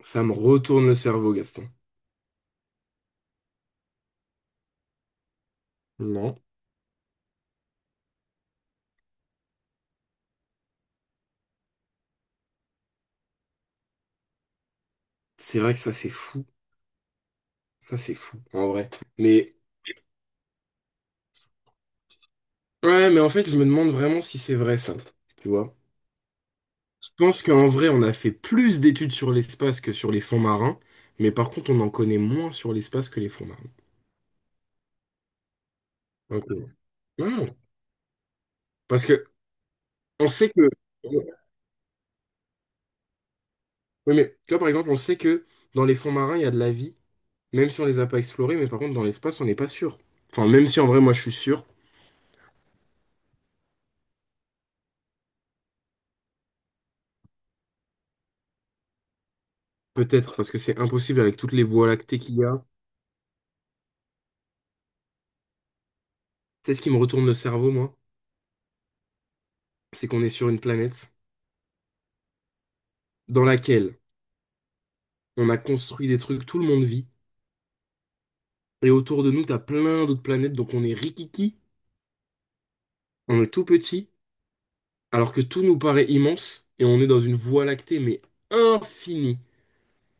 Ça me retourne le cerveau, Gaston. Non. C'est vrai que ça, c'est fou. Ça, c'est fou, en vrai. Mais, ouais, mais en fait, je me demande vraiment si c'est vrai, ça. Tu vois? Je pense qu'en vrai, on a fait plus d'études sur l'espace que sur les fonds marins. Mais par contre, on en connaît moins sur l'espace que les fonds marins. Ok. Non. Parce que, on sait que. Oui, mais, tu vois, par exemple, on sait que dans les fonds marins, il y a de la vie. Même si on les a pas explorés, mais par contre, dans l'espace, on n'est pas sûr. Enfin, même si en vrai, moi, je suis sûr. Peut-être, parce que c'est impossible avec toutes les voies lactées qu'il y a. Tu sais ce qui me retourne le cerveau, moi? C'est qu'on est sur une planète dans laquelle on a construit des trucs, tout le monde vit, et autour de nous, t'as plein d'autres planètes, donc on est rikiki, on est tout petit, alors que tout nous paraît immense, et on est dans une voie lactée, mais infinie.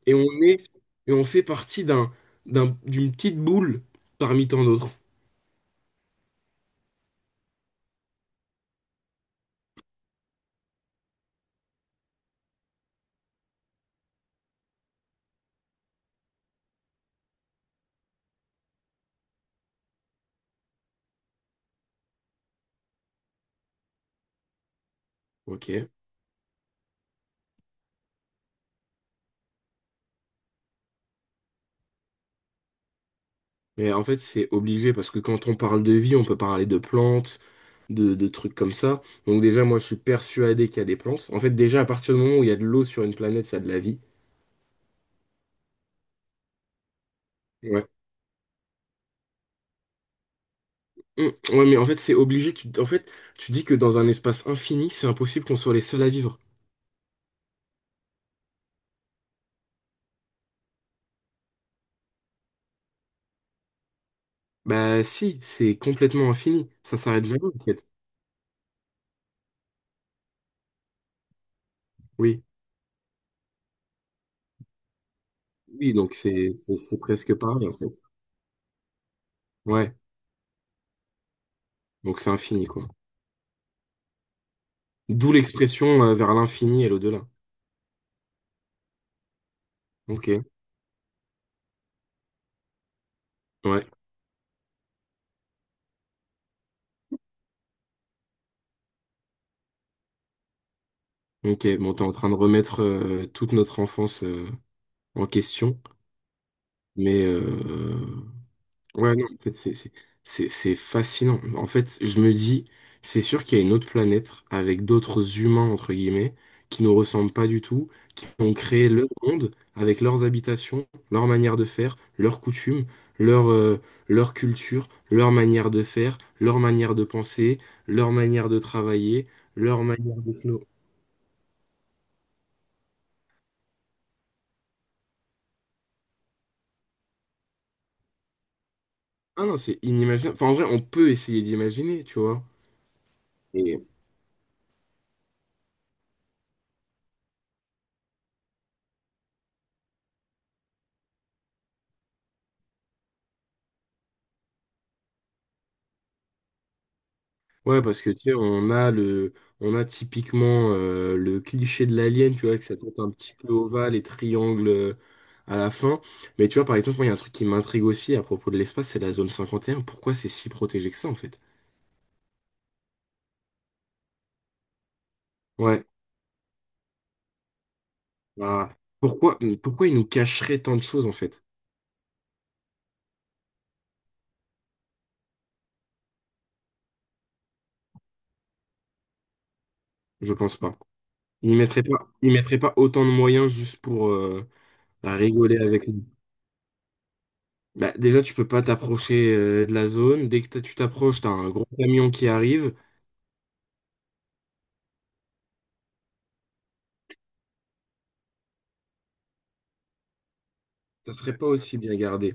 Et on est, et on fait partie d'un, d'une petite boule parmi tant d'autres. Ok. Mais en fait, c'est obligé parce que quand on parle de vie, on peut parler de plantes, de trucs comme ça. Donc déjà, moi, je suis persuadé qu'il y a des plantes. En fait, déjà, à partir du moment où il y a de l'eau sur une planète, il y a de la vie. Ouais. Mm. Ouais, mais en fait, c'est obligé. Tu, en fait, tu dis que dans un espace infini, c'est impossible qu'on soit les seuls à vivre. Bah si, c'est complètement infini. Ça s'arrête jamais, en fait. Oui. Oui, donc c'est presque pareil, en fait. Ouais. Donc c'est infini, quoi. D'où l'expression vers l'infini et l'au-delà. Ok. Ouais. Ok, bon, t'es en train de remettre toute notre enfance en question, mais ouais, non, en fait, c'est fascinant. En fait, je me dis, c'est sûr qu'il y a une autre planète avec d'autres humains, entre guillemets, qui nous ressemblent pas du tout, qui ont créé leur monde avec leurs habitations, leur manière de faire, leurs coutumes, leur, leur culture, leur manière de faire, leur manière de penser, leur manière de travailler, leur manière de... Ah non, c'est inimaginable. Enfin, en vrai, on peut essayer d'imaginer, tu vois. Et ouais, parce que tu sais, on a le, on a typiquement le cliché de l'alien, tu vois, que ça tête un petit peu ovale et triangle à la fin. Mais tu vois, par exemple, moi, il y a un truc qui m'intrigue aussi à propos de l'espace, c'est la zone 51. Pourquoi c'est si protégé que ça, en fait? Ouais. Bah, pourquoi ils nous cacheraient tant de choses, en fait? Je pense pas. Ils mettraient pas autant de moyens juste pour bah, rigoler avec. Bah, déjà, tu peux pas t'approcher de la zone. Dès que tu t'approches, t'as un gros camion qui arrive. Ça serait pas aussi bien gardé.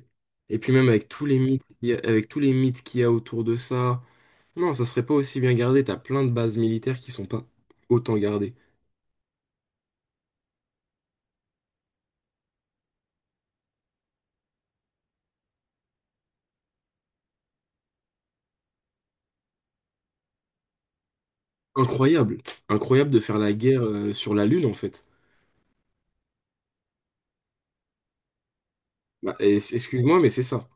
Et puis même avec tous les mythes, qu'il y a- avec tous les mythes qu'il y a autour de ça, non, ça serait pas aussi bien gardé. T'as plein de bases militaires qui sont pas autant gardées. Incroyable, incroyable de faire la guerre sur la Lune en fait. Bah, excuse-moi, mais c'est ça.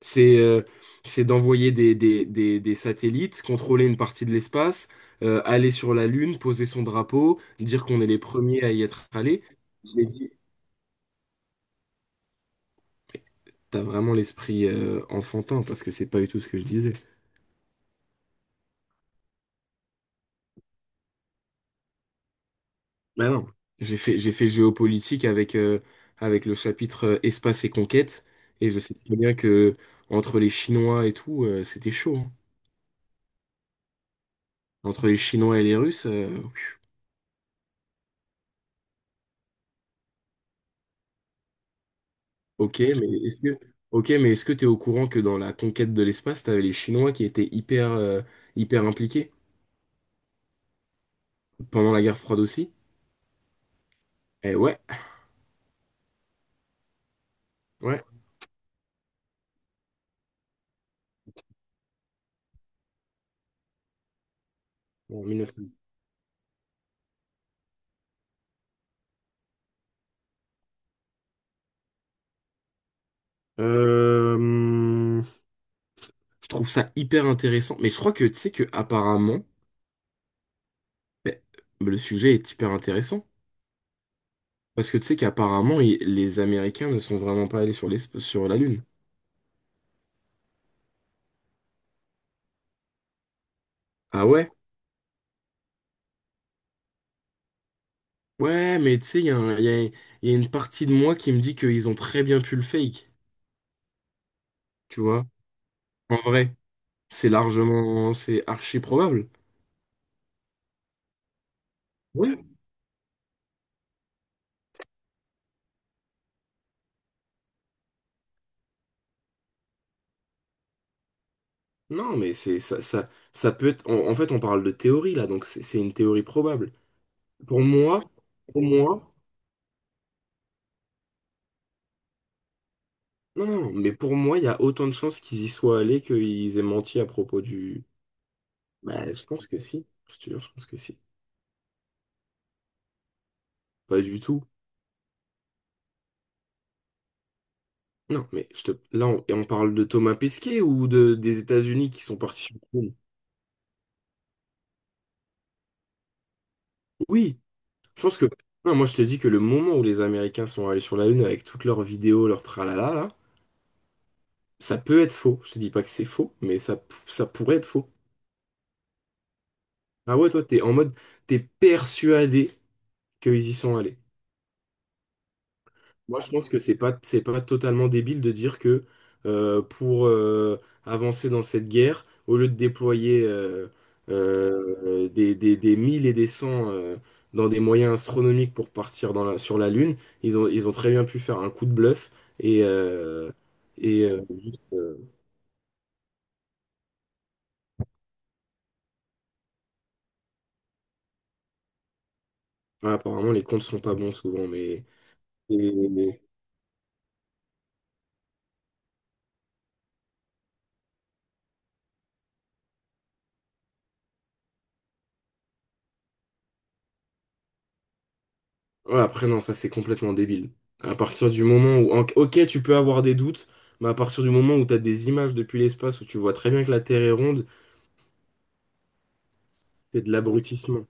C'est euh, c'est d'envoyer des satellites, contrôler une partie de l'espace, aller sur la Lune, poser son drapeau, dire qu'on est les premiers à y être allés. Je l'ai dit, t'as vraiment l'esprit enfantin parce que c'est pas du tout ce que je disais. Bah non, j'ai fait géopolitique avec, avec le chapitre espace et conquête et je sais très bien que entre les Chinois et tout, c'était chaud, hein. Entre les Chinois et les Russes, ok, ok, mais est-ce que t'es au courant que dans la conquête de l'espace, t'avais les Chinois qui étaient hyper, hyper impliqués pendant la guerre froide aussi? Eh ouais, ouais, en 1910. Euh, hum, je trouve ça hyper intéressant, mais je crois que tu sais que apparemment, ben, le sujet est hyper intéressant parce que tu sais qu'apparemment les Américains ne sont vraiment pas allés sur l'espace, sur la Lune. Ah ouais? Ouais, mais tu sais, il y a une partie de moi qui me dit qu'ils ont très bien pu le fake, tu vois, en vrai. C'est largement, c'est archi probable. Oui. Non, mais c'est ça, ça peut être. En fait, on parle de théorie là, donc c'est une théorie probable. Pour moi, pour moi, non, non, mais pour moi, il y a autant de chances qu'ils y soient allés qu'ils aient menti à propos du. Bah, je pense que si. Je te jure, je pense que si. Pas du tout. Non, mais je te... là, et on parle de Thomas Pesquet ou de, des États-Unis qui sont partis sur la Lune. Oui, je pense que. Non, moi, je te dis que le moment où les Américains sont allés sur la Lune avec toutes leurs vidéos, leurs tralala, là, ça peut être faux. Je te dis pas que c'est faux, mais ça, ça pourrait être faux. Ah ouais, toi, t'es persuadé qu'ils y sont allés. Moi, je pense que c'est pas totalement débile de dire que pour avancer dans cette guerre, au lieu de déployer des mille et des cents dans des moyens astronomiques pour partir dans sur la Lune, ils ont très bien pu faire un coup de bluff et, euh, et ouais, apparemment les comptes sont pas bons souvent, mais. Et- Ouais, après, non, ça c'est complètement débile. À partir du moment où. Ok, tu peux avoir des doutes, mais à partir du moment où tu as des images depuis l'espace où tu vois très bien que la Terre est ronde, c'est de l'abrutissement.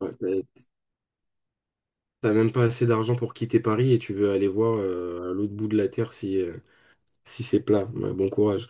Ouais, t'as même pas assez d'argent pour quitter Paris et tu veux aller voir à l'autre bout de la Terre si, si c'est plat. Ouais, bon courage.